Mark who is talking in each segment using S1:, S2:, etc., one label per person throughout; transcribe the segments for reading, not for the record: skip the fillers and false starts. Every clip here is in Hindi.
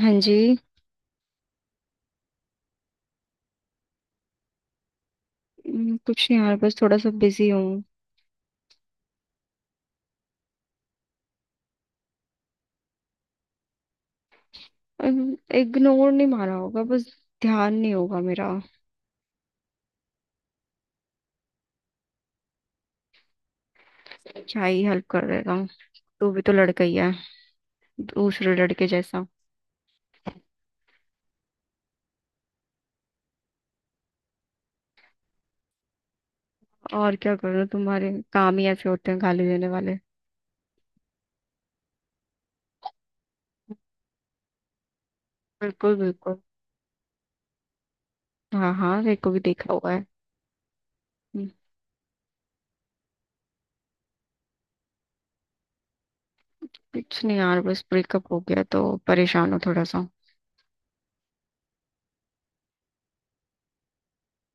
S1: हाँ जी। कुछ नहीं यार, बस थोड़ा सा बिजी हूँ। इग्नोर नहीं मारा होगा, बस ध्यान नहीं होगा मेरा। क्या ही हेल्प कर देगा। तू भी तो लड़का ही है, दूसरे लड़के जैसा। और क्या करूँ, तुम्हारे काम ही ऐसे होते हैं गाली देने वाले। बिल्कुल बिल्कुल। हाँ हाँ, मेरे को भी देखा हुआ है। हम्म, कुछ नहीं यार, बस ब्रेकअप हो गया तो परेशान हूँ थोड़ा सा।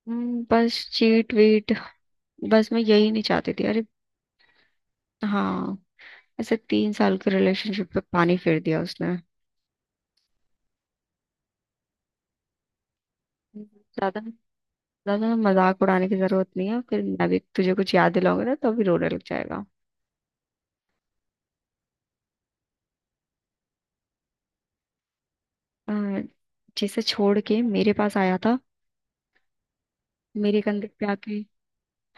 S1: बस चीट वीट। बस मैं यही नहीं चाहती थी, अरे। हाँ। ऐसे 3 साल के रिलेशनशिप पे पानी फेर दिया उसने। ज्यादा, ज्यादा मजाक उड़ाने की जरूरत नहीं है, फिर मैं भी तुझे कुछ याद दिलाऊंगी ना तो भी रोने लग जाएगा। अ, जिसे छोड़ के मेरे पास आया था। मेरे कंधे पे आके।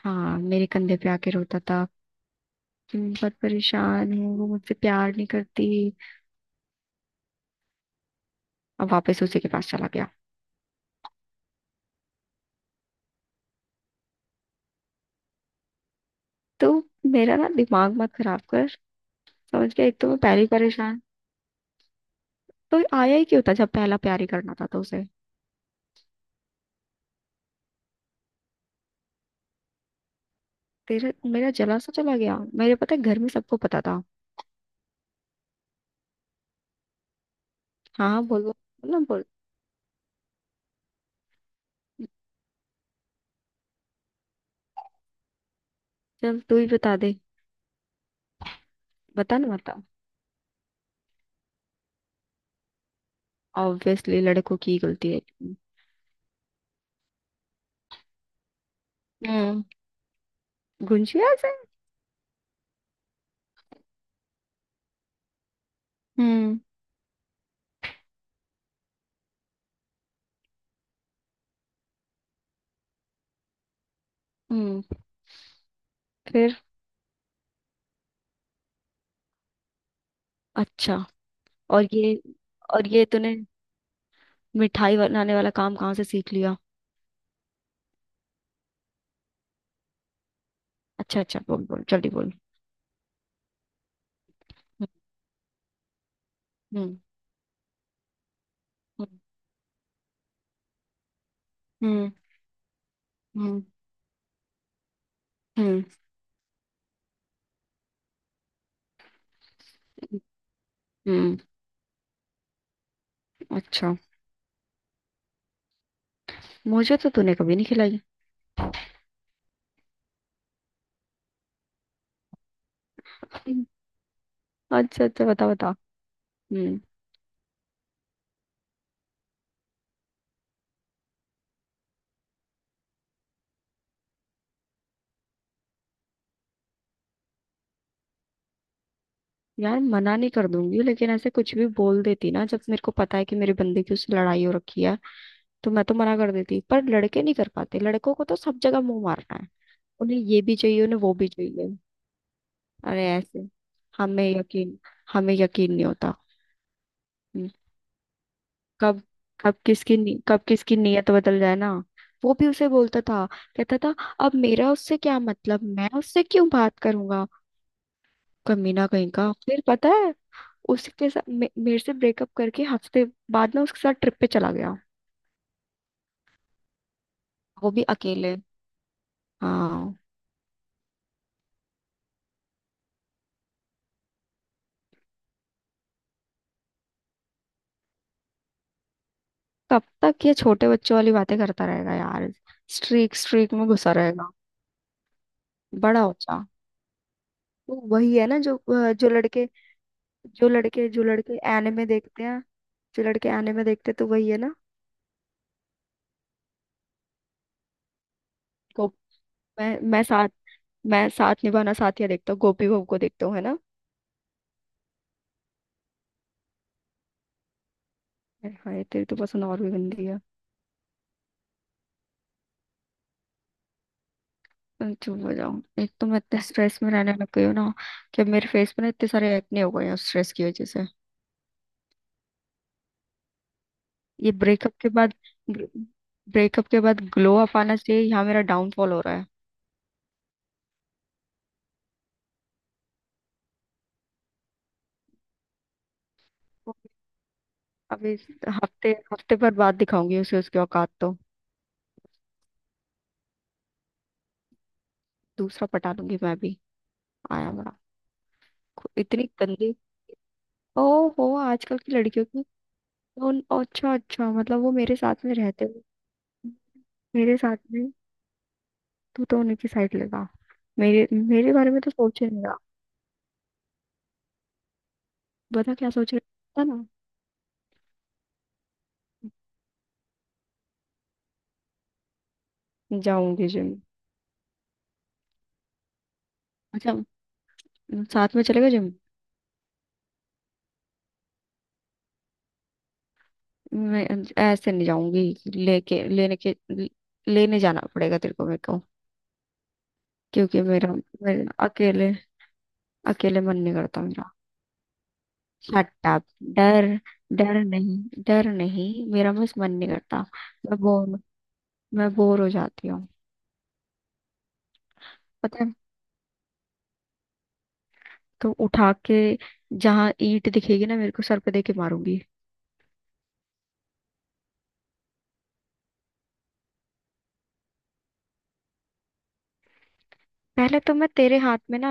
S1: हाँ, मेरे कंधे पे आके रोता था कि मैं बहुत परेशान हूँ, वो मुझसे प्यार नहीं करती। अब वापस उसी के पास चला गया। तो मेरा ना दिमाग मत खराब कर। समझ गया, एक तो मैं पहले ही परेशान। तो आया ही क्यों था, जब पहला प्यार ही करना था तो उसे। तेरे मेरा जला सा चला गया, मेरे पता है घर में सबको पता था। हाँ हाँ, बोल बोल ना, बोल। चल, तू ही बता दे। बता ना, बता। ऑब्वियसली लड़कों की गलती है। हम्म। गुंजिया से। हम्म। हम्म। फिर। अच्छा। और ये और ये तूने मिठाई बनाने वाला काम कहाँ से सीख लिया? अच्छा अच्छा, बोल बोल जल्दी, बोल। हम्म हम्म हम्म हम्म हम्म। अच्छा। मुझे तो तूने कभी नहीं खिलाई। हम्म, अच्छा अच्छा, बता बता। हम्म। यार मना नहीं कर दूंगी, लेकिन ऐसे कुछ भी बोल देती ना, जब मेरे को पता है कि मेरे बंदे की उससे लड़ाई हो रखी है। तो मैं तो मना कर देती, पर लड़के नहीं कर पाते, लड़कों को तो सब जगह मुंह मारना है। उन्हें ये भी चाहिए, उन्हें वो भी चाहिए। अरे ऐसे। हमें यकीन हमें यकीन नहीं होता। हम्म, कब कब किसकी नी- कब किसकी नीयत बदल जाए ना। वो भी उसे बोलता था, कहता था, अब मेरा उससे क्या मतलब, मैं उससे क्यों बात करूंगा। कमीना कहीं का। फिर पता है, उसके साथ मेरे से ब्रेकअप करके हफ्ते बाद में उसके साथ ट्रिप पे चला गया। वो भी अकेले। हाँ। कब तक ये छोटे बच्चों वाली बातें करता रहेगा यार? स्ट्रीक स्ट्रीक में घुसा रहेगा। बड़ा हो जा। वो वही है ना, जो लड़के एनिमे देखते हैं। जो लड़के एनिमे देखते हैं, तो वही है ना। गो मैं मैं साथ मैं साथ निभाना साथिया देखता हूँ, गोपी बहू को देखता हूँ, है ना। हाय, तेरी तो पसंद और भी गंदी है। मैं चुप हो जाऊँ, एक तो मैं इतने स्ट्रेस में रहने लग गई हूँ ना कि अब मेरे फेस पे ना इतने सारे एक्ने हो गए हैं स्ट्रेस की वजह से। ये ब्रेकअप के बाद ग्लो अप आना चाहिए, यहाँ मेरा डाउनफॉल हो रहा है। अब इस हफ्ते हफ्ते पर बाद दिखाऊंगी उसे उसकी औकात, तो दूसरा पटा लूंगी मैं भी। आया बड़ा। इतनी गंदी। ओ हो आजकल की लड़कियों की। अच्छा अच्छा, मतलब वो मेरे साथ में रहते हुए, मेरे साथ में, तू तो उनकी साइड लेगा, मेरे मेरे बारे में तो सोचे नहीं रहा। बता क्या सोच रहा था ना। जाऊंगी जिम। अच्छा, साथ में चलेगा जिम? मैं ऐसे नहीं जाऊंगी, लेके लेने के लेने जाना पड़ेगा तेरे को मेरे को। क्योंकि मेरा मेरा अकेले, अकेले मन नहीं करता मेरा। Shut up. डर डर नहीं, डर नहीं, मेरा बस मन नहीं करता। मैं बोर मैं बोर हो जाती हूँ। पता है, तो उठा के जहाँ ईंट दिखेगी ना, मेरे को सर पे दे के मारूंगी। पहले तो मैं तेरे हाथ में ना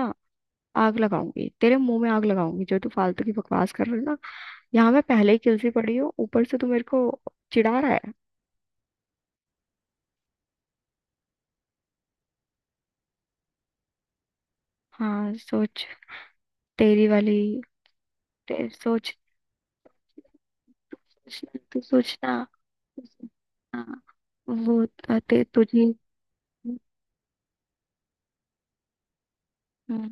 S1: आग लगाऊंगी, तेरे मुंह में आग लगाऊंगी, जो तू फालतू की बकवास कर रही है ना। यहाँ मैं पहले ही किलसी पड़ी हूँ, ऊपर से तू मेरे को चिढ़ा रहा है। हाँ, सोच, तेरी वाली, सोच, तू सोचना। हाँ, वो था, तुझे। हम्म,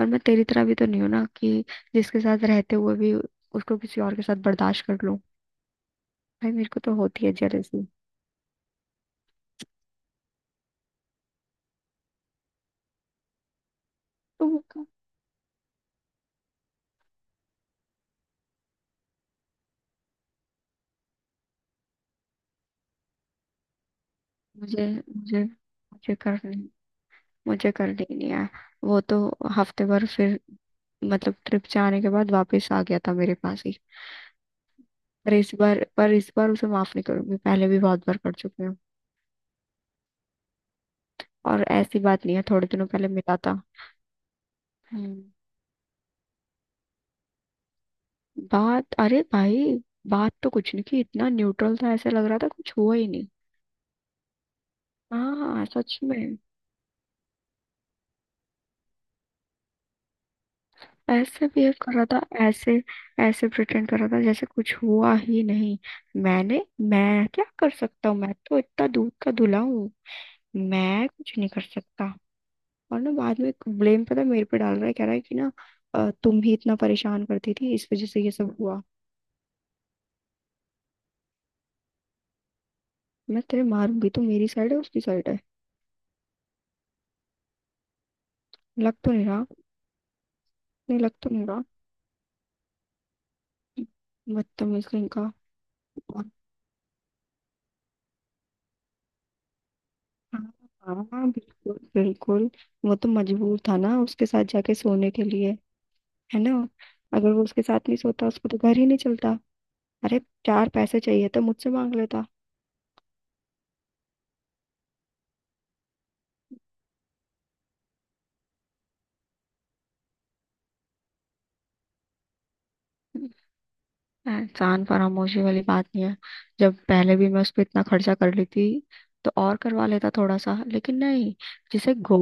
S1: और मैं तेरी तरह भी तो नहीं हूं ना, कि जिसके साथ रहते हुए भी उसको किसी और के साथ बर्दाश्त कर लूं। भाई, मेरे को तो होती है जेलसी। तुम का- मुझे मुझे मुझे करनी ही नहीं है। वो तो हफ्ते भर, फिर मतलब ट्रिप जाने के बाद वापस आ गया था मेरे पास ही। पर इस बार उसे माफ नहीं करूंगी, पहले भी बहुत बार कर चुकी हूँ। और ऐसी बात नहीं है, थोड़े दिनों पहले मिला था। हम्म। बात अरे भाई, बात तो कुछ नहीं की, इतना न्यूट्रल था, ऐसे लग रहा था कुछ हुआ ही नहीं। हाँ सच में। ऐसे बिहेव कर रहा था, ऐसे ऐसे प्रिटेंड कर रहा था, जैसे कुछ हुआ ही नहीं। मैंने मैं क्या कर सकता हूँ, मैं तो इतना दूध का धुला हूँ, मैं कुछ नहीं कर सकता। और ना बाद में ब्लेम पता है मेरे पे डाल रहा है, कह रहा है कि ना तुम ही इतना परेशान करती थी, इस वजह से ये सब हुआ। मैं तेरे मारूंगी, तो मेरी साइड है उसकी साइड है? लग तो नहीं रहा। नहीं, लग तो नहीं रहा, बदतमीज कहीं का। हाँ हाँ, बिल्कुल बिल्कुल। वो तो मजबूर था ना, उसके साथ जाके सोने के लिए, है ना। अगर वो उसके साथ नहीं सोता, उसको तो घर ही नहीं चलता। अरे, चार पैसे चाहिए तो मुझसे मांग लेता। एहसान फरामोशी वाली बात नहीं है, जब पहले भी मैं उस पर इतना खर्चा कर ली थी, तो और करवा लेता थोड़ा सा, लेकिन नहीं। जिसे गो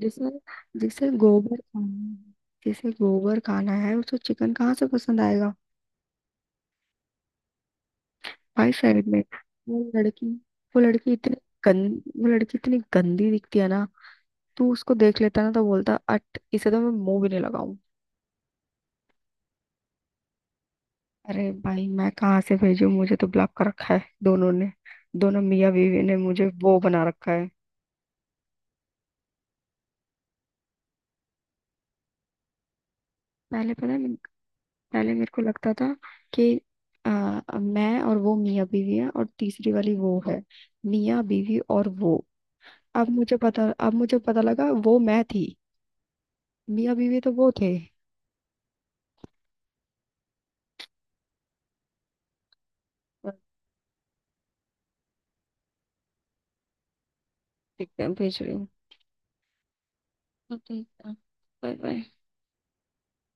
S1: जिसे जिसे गोबर खाना है जिसे गोबर खाना है, उसको चिकन कहाँ से पसंद आएगा। भाई, साइड में, वो लड़की वो लड़की इतनी वो लड़की इतनी गंदी दिखती है ना। तू उसको देख लेता ना, तो बोलता, अट, इसे तो मैं मुंह भी नहीं लगाऊं। अरे भाई, मैं कहाँ से भेजूं, मुझे तो ब्लॉक कर रखा है दोनों ने। दोनों मियाँ बीवी ने मुझे वो बना रखा है। पहले पता है, पहले मेरे को लगता था कि मैं और वो मियाँ बीवी है, और तीसरी वाली वो है। मियाँ बीवी और वो। अब मुझे पता लगा, वो मैं थी, मियाँ बीवी तो वो थे। दिखते हैं, भेज रही हूँ। तो ठीक है, बाय बाय।